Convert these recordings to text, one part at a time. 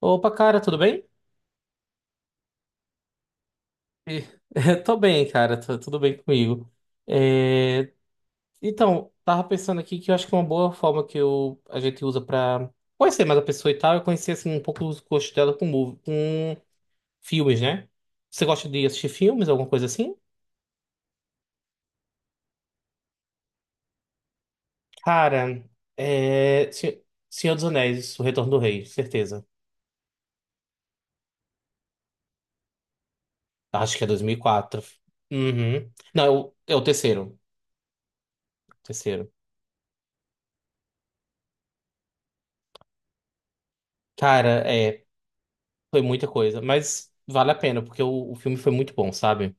Opa, cara, tudo bem? E- Tô bem, cara, tudo bem comigo. É, Então, tava pensando aqui que eu acho que uma boa forma que a gente usa pra conhecer mais a pessoa e tal é conhecer assim, um pouco os gostos dela com filmes, né? Você gosta de assistir filmes, alguma coisa assim? Cara, é... Se- Senhor dos Anéis, O Retorno do Rei, certeza. Acho que é 2004. Uhum. Não, é o terceiro. Terceiro. Cara, é. Foi muita coisa, mas vale a pena, porque o filme foi muito bom, sabe?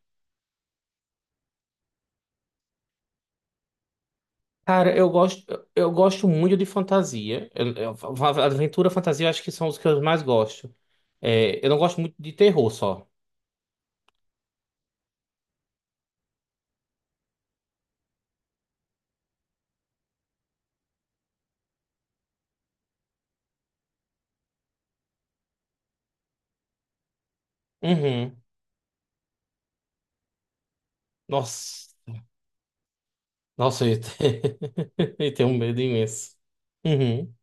Cara, eu gosto muito de fantasia. Aventura, fantasia, eu acho que são os que eu mais gosto. É, eu não gosto muito de terror só. Uhum. Nossa. Nossa, eu, te- eu tenho um medo imenso. Uhum.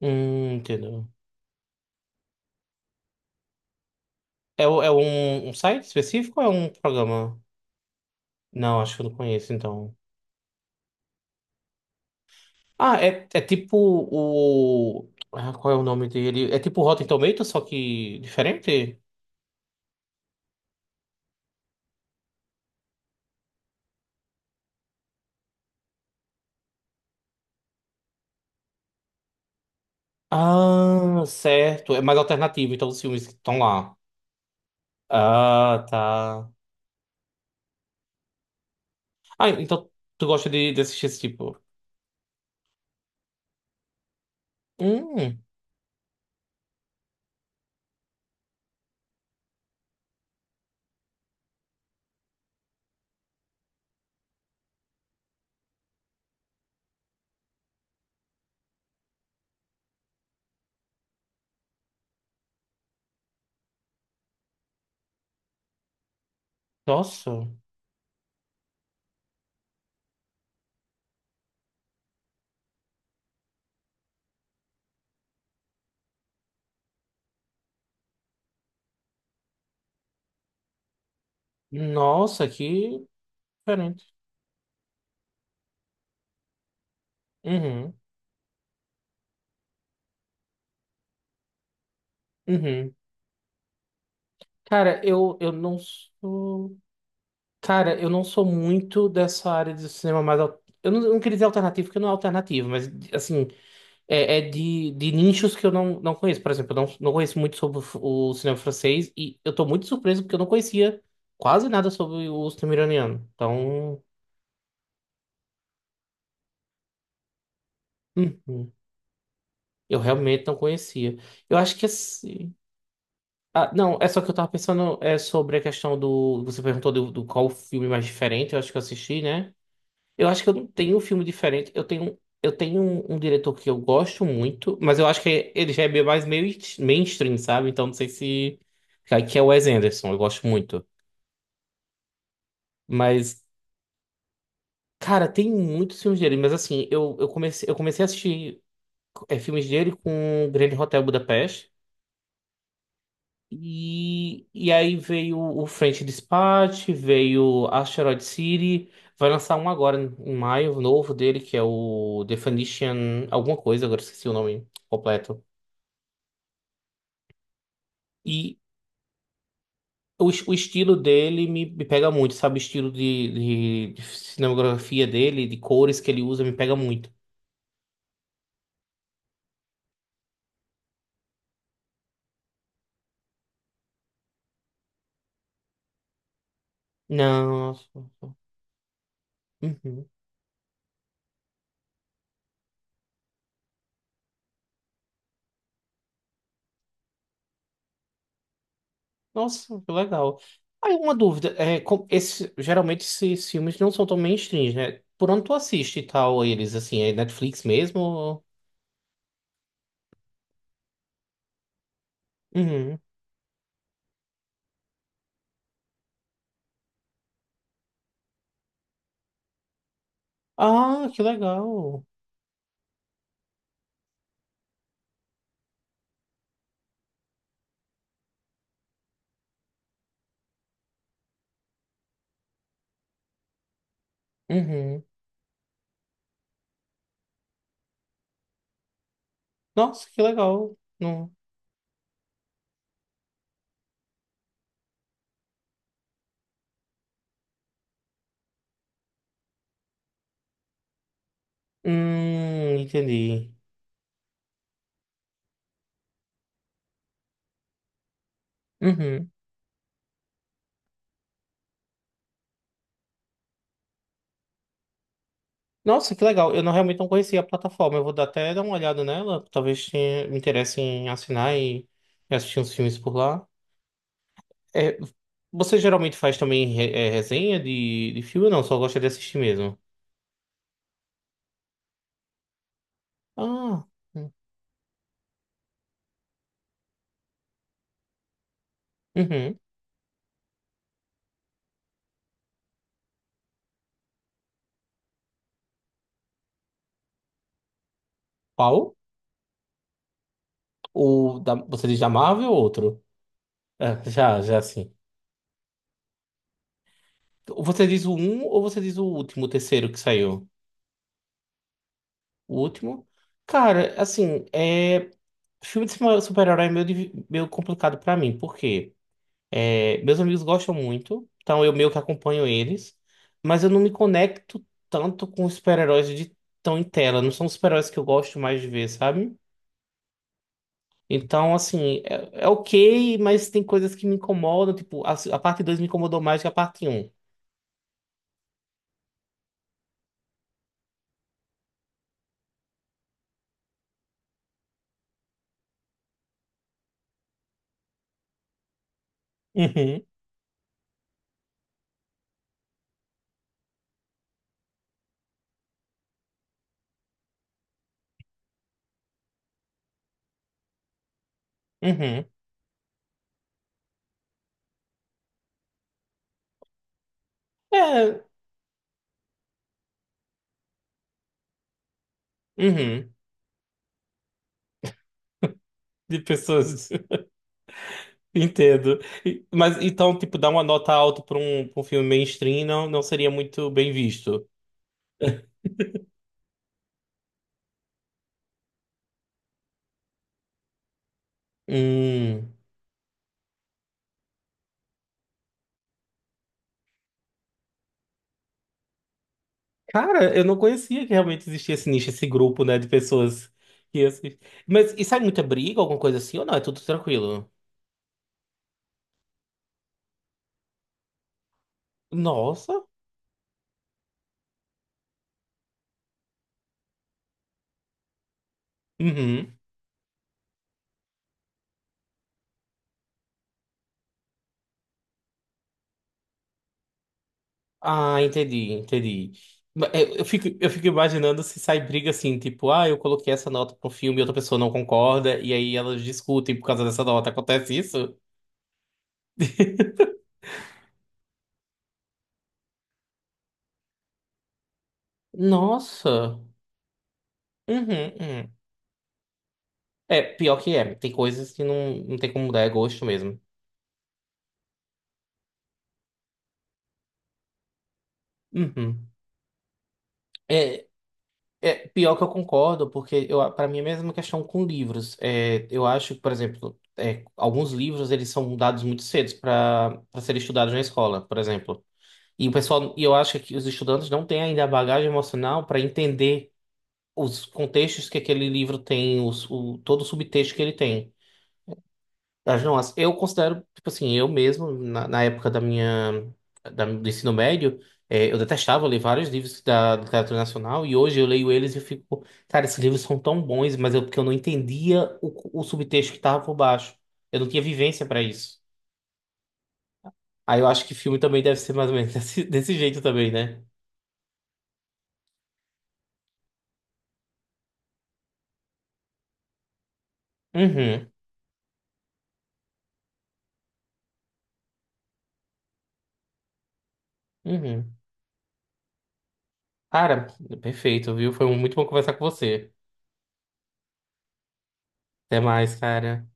Entendeu. É, é um site específico ou é um programa? Não, acho que eu não conheço, então. Ah, é, qual é o nome dele? É tipo o Rotten Tomatoes, só que diferente? Ah, certo. É mais alternativo, então os filmes que estão lá. Ah, tá. Ah, então tu gosta de assistir esse tipo? Hum, nossa. Nossa, que diferente. Uhum, uhum. Cara, eu não sou. Cara, eu não sou muito dessa área de cinema mais. Eu eu não queria dizer alternativo, porque não é alternativo, mas assim. É, é de nichos que eu não, não conheço. Por exemplo, eu não, não conheço muito sobre o cinema francês e eu tô muito surpreso porque eu não conhecia quase nada sobre o cinema iraniano. Então, uhum, eu realmente não conhecia. Eu acho que assim. Ah, não, é só que eu tava pensando é, sobre a questão do. Você perguntou do qual o filme mais diferente, eu acho que eu assisti, né? Eu acho que eu não tenho um filme diferente. Eu tenho um diretor que eu gosto muito, mas eu acho que ele já é meio mais meio mainstream, sabe? Então não sei se. Cara, que é o Wes Anderson, eu gosto muito. Mas, cara, tem muitos filmes dele. Mas assim, eu, eu comecei a assistir é, filmes dele com o Grande Hotel Budapeste. E aí veio o French Dispatch, veio Asteroid City, vai lançar um agora em maio, o novo dele, que é o Definition alguma coisa, agora esqueci o nome completo. E o estilo me pega muito, sabe? O estilo de cinematografia dele, de cores que ele usa, me pega muito. Não. Uhum. Nossa, que legal. Aí uma dúvida, é, esse, geralmente esses filmes não são tão mainstream, né? Por onde tu assiste e tal eles, assim, é Netflix mesmo? Ou... Uhum. Ah, que legal. Uhum. Nossa, que legal. Não... entendi. Uhum. Nossa, que legal. Eu não, realmente não conhecia a plataforma. Eu vou até dar uma olhada nela. Me interesse em assinar e assistir uns filmes por lá. É, você geralmente faz também é, resenha de filme ou não? Só gosta de assistir mesmo? Ah, hum, uhum. Qual? O da, você diz da Marvel ou outro? É, já, já sim. Você diz o um ou você diz o último, o terceiro que saiu? O último? Cara, assim, é, filme de super-herói é meio, meio complicado pra mim, porque é, meus amigos gostam muito, então eu meio que acompanho eles, mas eu não me conecto tanto com os super-heróis de tão em tela. Não são os super-heróis que eu gosto mais de ver, sabe? Então, assim, é, é ok, mas tem coisas que me incomodam. Tipo, a parte 2 me incomodou mais que a parte um. Uhum, uhum. É, uhum. De pessoas, entendo. Mas então, tipo, dar uma nota alta pra pra um filme mainstream não seria muito bem visto. Hum. Cara, eu não conhecia que realmente existia esse nicho, esse grupo, né, de pessoas que assistem. Mas e sai muita briga, alguma coisa assim, ou não? É tudo tranquilo? Nossa. Uhum. Ah, entendi, entendi. Eu eu fico imaginando se sai briga assim, tipo, ah, eu coloquei essa nota pro filme e outra pessoa não concorda, e aí elas discutem por causa dessa nota. Acontece isso? Nossa. Uhum, uhum. É, pior que é. Tem coisas que não tem como mudar, é gosto mesmo. Uhum. É, é pior que eu concordo, porque eu, para mim é a mesma questão com livros. É, eu acho que, por exemplo, é, alguns livros eles são dados muito cedo para para serem estudados na escola, por exemplo. E o pessoal, e eu acho que os estudantes não têm ainda a bagagem emocional para entender os contextos que aquele livro tem, todo o subtexto que ele tem. As nossas, eu considero, tipo assim, eu mesmo, na época da minha, do ensino médio, eu detestava ler vários livros da literatura nacional e hoje eu leio eles e eu fico, cara, esses livros são tão bons, mas eu, porque eu não entendia o subtexto que estava por baixo. Eu não tinha vivência para isso. Aí eu acho que filme também deve ser mais ou menos desse jeito também, né? Uhum, uhum. Cara, perfeito, viu? Foi muito bom conversar com você. Até mais, cara.